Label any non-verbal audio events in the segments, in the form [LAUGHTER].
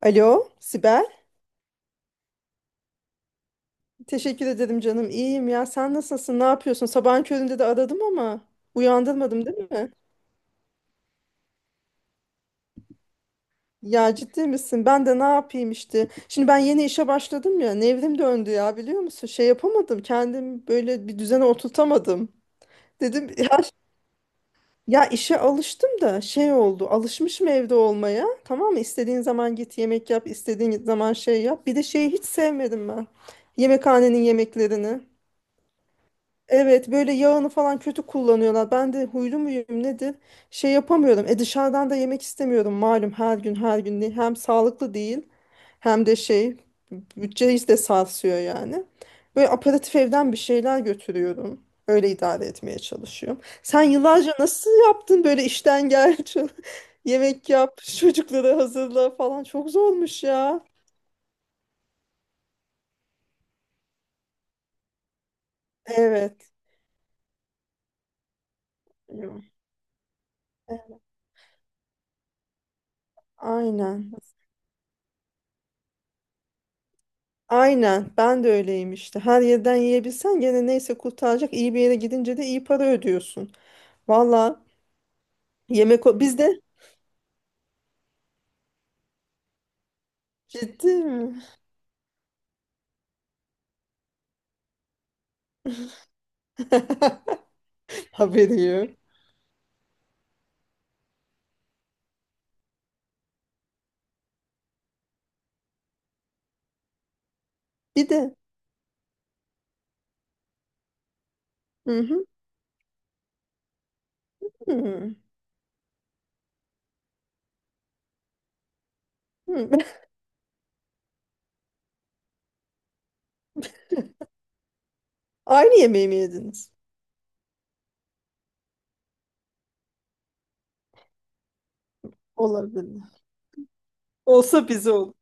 Alo, Sibel. Teşekkür ederim canım. İyiyim ya. Sen nasılsın? Ne yapıyorsun? Sabahın köründe de aradım ama uyandırmadım değil mi? Ya ciddi misin? Ben de ne yapayım işte. Şimdi ben yeni işe başladım ya. Nevrim döndü ya biliyor musun? Şey yapamadım. Kendim böyle bir düzene oturtamadım. Dedim ya, ya işe alıştım da şey oldu. Alışmışım evde olmaya. Tamam mı? İstediğin zaman git yemek yap. İstediğin zaman şey yap. Bir de şeyi hiç sevmedim ben. Yemekhanenin yemeklerini. Evet böyle yağını falan kötü kullanıyorlar. Ben de huylu muyum nedir? Şey yapamıyorum. E dışarıdan da yemek istemiyorum, malum her gün her gün değil. Hem sağlıklı değil hem de şey, bütçeyi de sarsıyor yani. Böyle aparatif evden bir şeyler götürüyorum. Öyle idare etmeye çalışıyorum. Sen yıllarca nasıl yaptın böyle işten gel [LAUGHS] yemek yap çocukları hazırla falan çok zormuş ya. Evet. Aynen. Aynen ben de öyleyim işte. Her yerden yiyebilsen gene neyse kurtaracak. İyi bir yere gidince de iyi para ödüyorsun. Valla yemek o bizde ciddi mi? [LAUGHS] Haberi yok. Bir de hı hı, hı hı. [LAUGHS] Aynı yemeği mi yediniz? Olabilir. Olsa bize olur.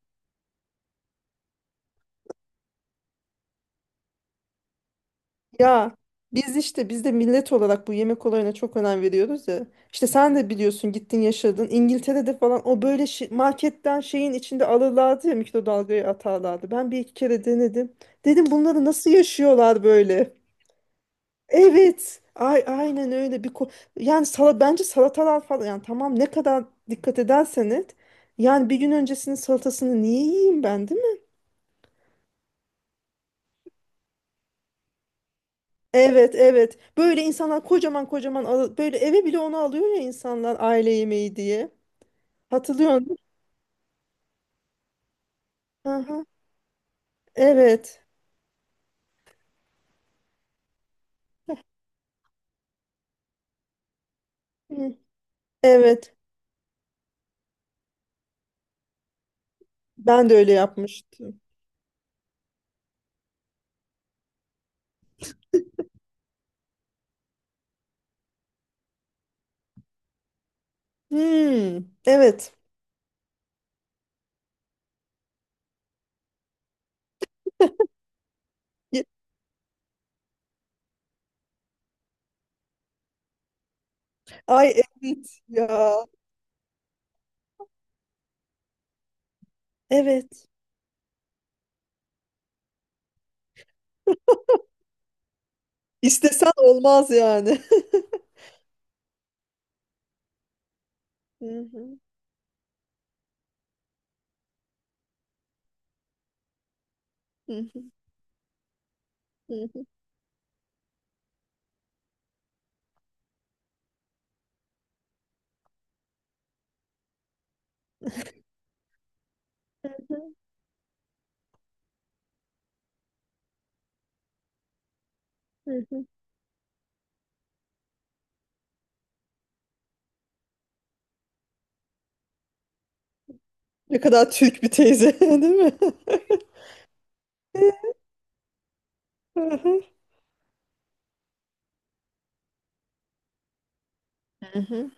Ya biz işte biz de millet olarak bu yemek olayına çok önem veriyoruz ya. İşte sen de biliyorsun gittin yaşadın. İngiltere'de falan o böyle marketten şeyin içinde alırlardı ya, mikrodalgayı atarlardı. Ben bir iki kere denedim. Dedim bunları nasıl yaşıyorlar böyle? Evet. Ay aynen öyle bir yani sala bence salatalar falan yani tamam, ne kadar dikkat edersen et. Yani bir gün öncesinin salatasını niye yiyeyim ben, değil. Evet evet. Böyle insanlar kocaman kocaman böyle eve bile onu alıyor ya insanlar, aile yemeği diye. Hatırlıyor musun? Aha, evet. Hı. Evet. Ben de öyle yapmıştım. Hmm, evet. Ye- Ay evet ya. Evet. İstesen olmaz yani. [LAUGHS] Hı hı, hı hı, hı hı, hı hı. Ne kadar Türk bir teyze, [LAUGHS] değil mi? [LAUGHS] Hı hı, hı hı,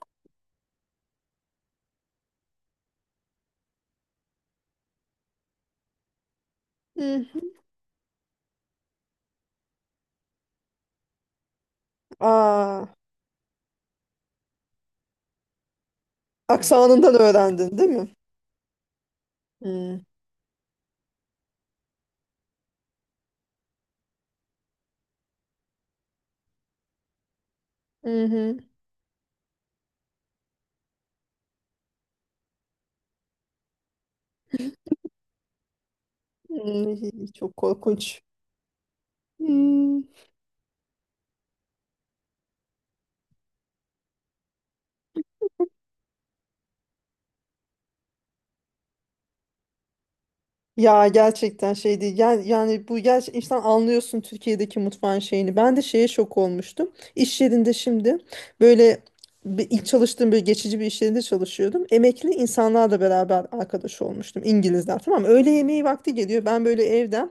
hı hı. Aa, aksanından öğrendin, değil mi? Hı. Hı hı. Hmm, çok korkunç. Hmm. Ya gerçekten şey değil. Yani, yani bu gerçek, insan anlıyorsun Türkiye'deki mutfağın şeyini. Ben de şeye şok olmuştum. İş yerinde şimdi böyle bir, ilk çalıştığım böyle geçici bir iş yerinde çalışıyordum. Emekli insanlarla beraber arkadaş olmuştum. İngilizler tamam mı? Öğle yemeği vakti geliyor. Ben böyle evden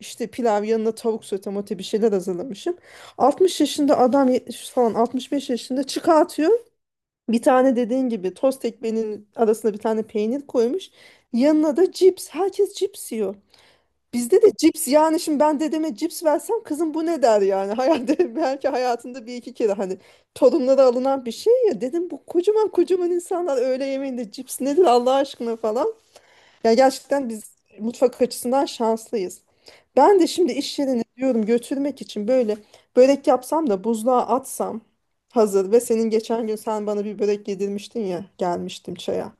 işte pilav yanına tavuk sote mote bir şeyler hazırlamışım. 60 yaşında adam 70 falan, 65 yaşında çıkartıyor. Bir tane dediğin gibi tost ekmeğinin arasına bir tane peynir koymuş. Yanına da cips. Herkes cips yiyor. Bizde de cips, yani şimdi ben dedeme cips versem, kızım bu ne der yani. [LAUGHS] Hayatta belki hayatında bir iki kere hani torunlara alınan bir şey ya. Dedim bu kocaman kocaman insanlar öğle yemeğinde cips nedir Allah aşkına falan. Ya gerçekten biz mutfak açısından şanslıyız. Ben de şimdi iş yerine diyorum götürmek için böyle börek yapsam da buzluğa atsam hazır, ve senin geçen gün sen bana bir börek yedirmiştin ya, gelmiştim çaya.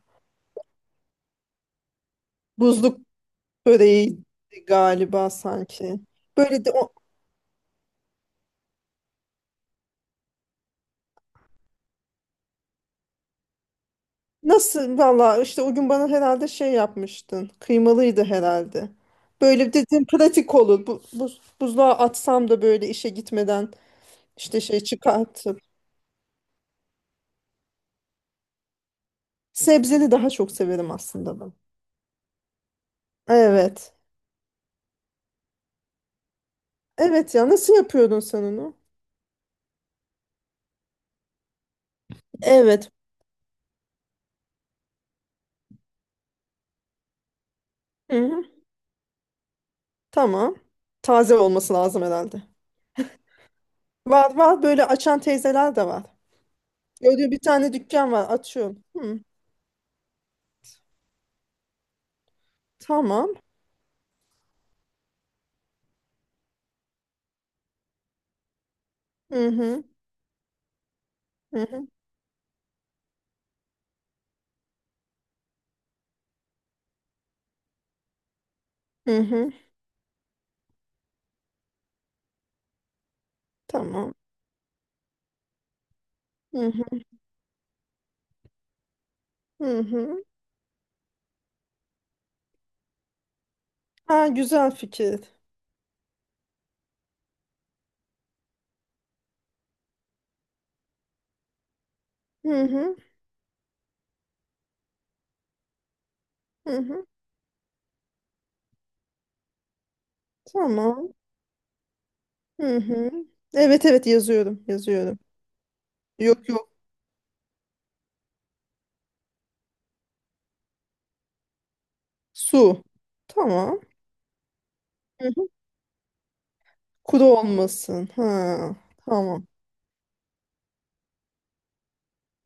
Buzluk böreği galiba sanki. Böyle de o nasıl valla, işte o gün bana herhalde şey yapmıştın. Kıymalıydı herhalde. Böyle dedim pratik olur. Buzluğa atsam da böyle işe gitmeden işte şey çıkart. Sebzeli daha çok severim aslında ben. Evet. Evet ya nasıl yapıyordun sen onu? Evet. Hı hı. Tamam. Taze olması lazım herhalde. Var var, böyle açan teyzeler de var. Gördüğü bir tane dükkan var, açıyorum. Hı. Tamam. Hı hı. Hı hı. Hı hı. Tamam. Hı hı. Hı hı. Ha güzel fikir. Hı hı. Hı hı. Tamam. Hı hı. Evet evet yazıyorum yazıyorum. Yok yok. Su. Tamam. Kuru olmasın. Ha, tamam.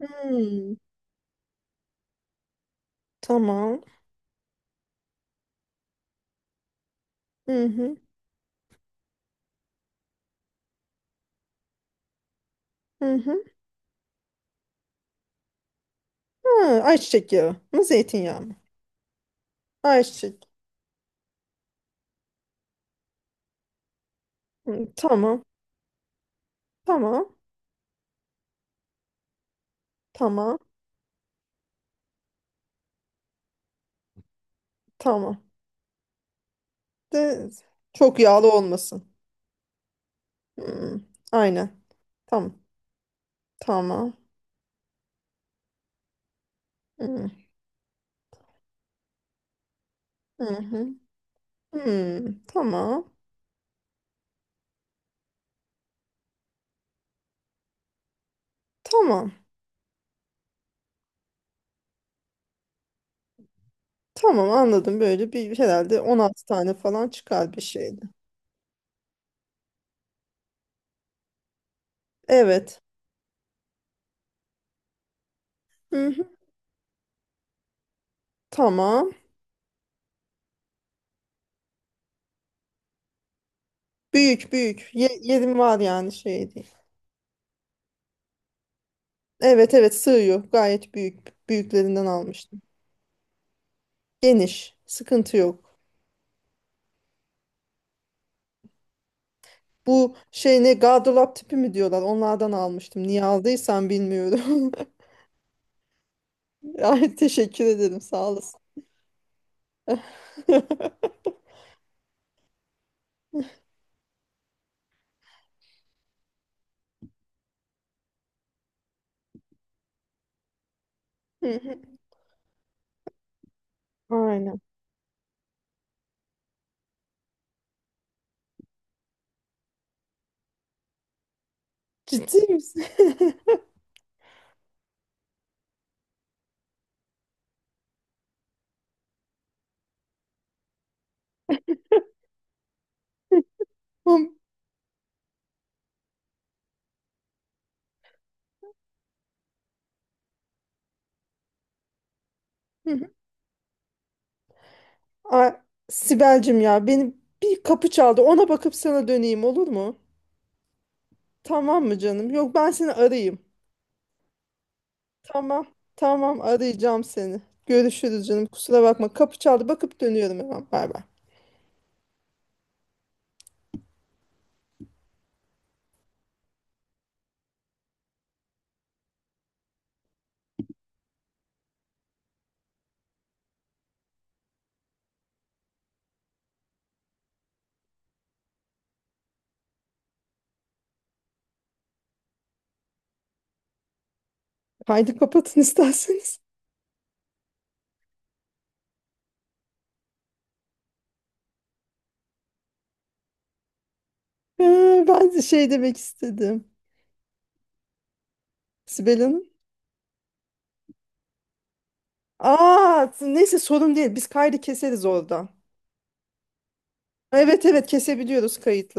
Hmm, tamam. Hı hı, hı hı. Ha, ayçiçek yağı mı, zeytinyağı mı? Ayçiçek. Hı, tamam, tamam, tamam, tamam. De, çok yağlı olmasın. Hmm, aynen. Tamam, tamam. Hı hı, hı. Hmm, tamam, tamam. Tamam anladım, böyle bir herhalde 16 tane falan çıkar bir şeydi. Evet. Hı hı. Tamam. Büyük büyük. Ye yerim var yani, şey değil. Evet evet sığıyor. Gayet büyük. Büyüklerinden almıştım. Geniş. Sıkıntı yok. Bu şey ne, gardırop tipi mi diyorlar? Onlardan almıştım. Niye aldıysam bilmiyorum. [LAUGHS] Ay, teşekkür ederim. Sağ olasın. [LAUGHS] Hı hı. Aynen. Ciddi misin? [LAUGHS] Hım, hı hı. Ay, Sibel'cim ya, benim bir kapı çaldı. Ona bakıp sana döneyim olur mu? Tamam mı canım? Yok ben seni arayayım. Tamam. Tamam arayacağım seni. Görüşürüz canım. Kusura bakma. Kapı çaldı. Bakıp dönüyorum hemen. Bay bay. Haydi kapatın isterseniz. [LAUGHS] Ben de şey demek istedim. Sibel Hanım. Aa, neyse sorun değil. Biz kaydı keseriz oradan. Evet evet kesebiliyoruz kayıtları.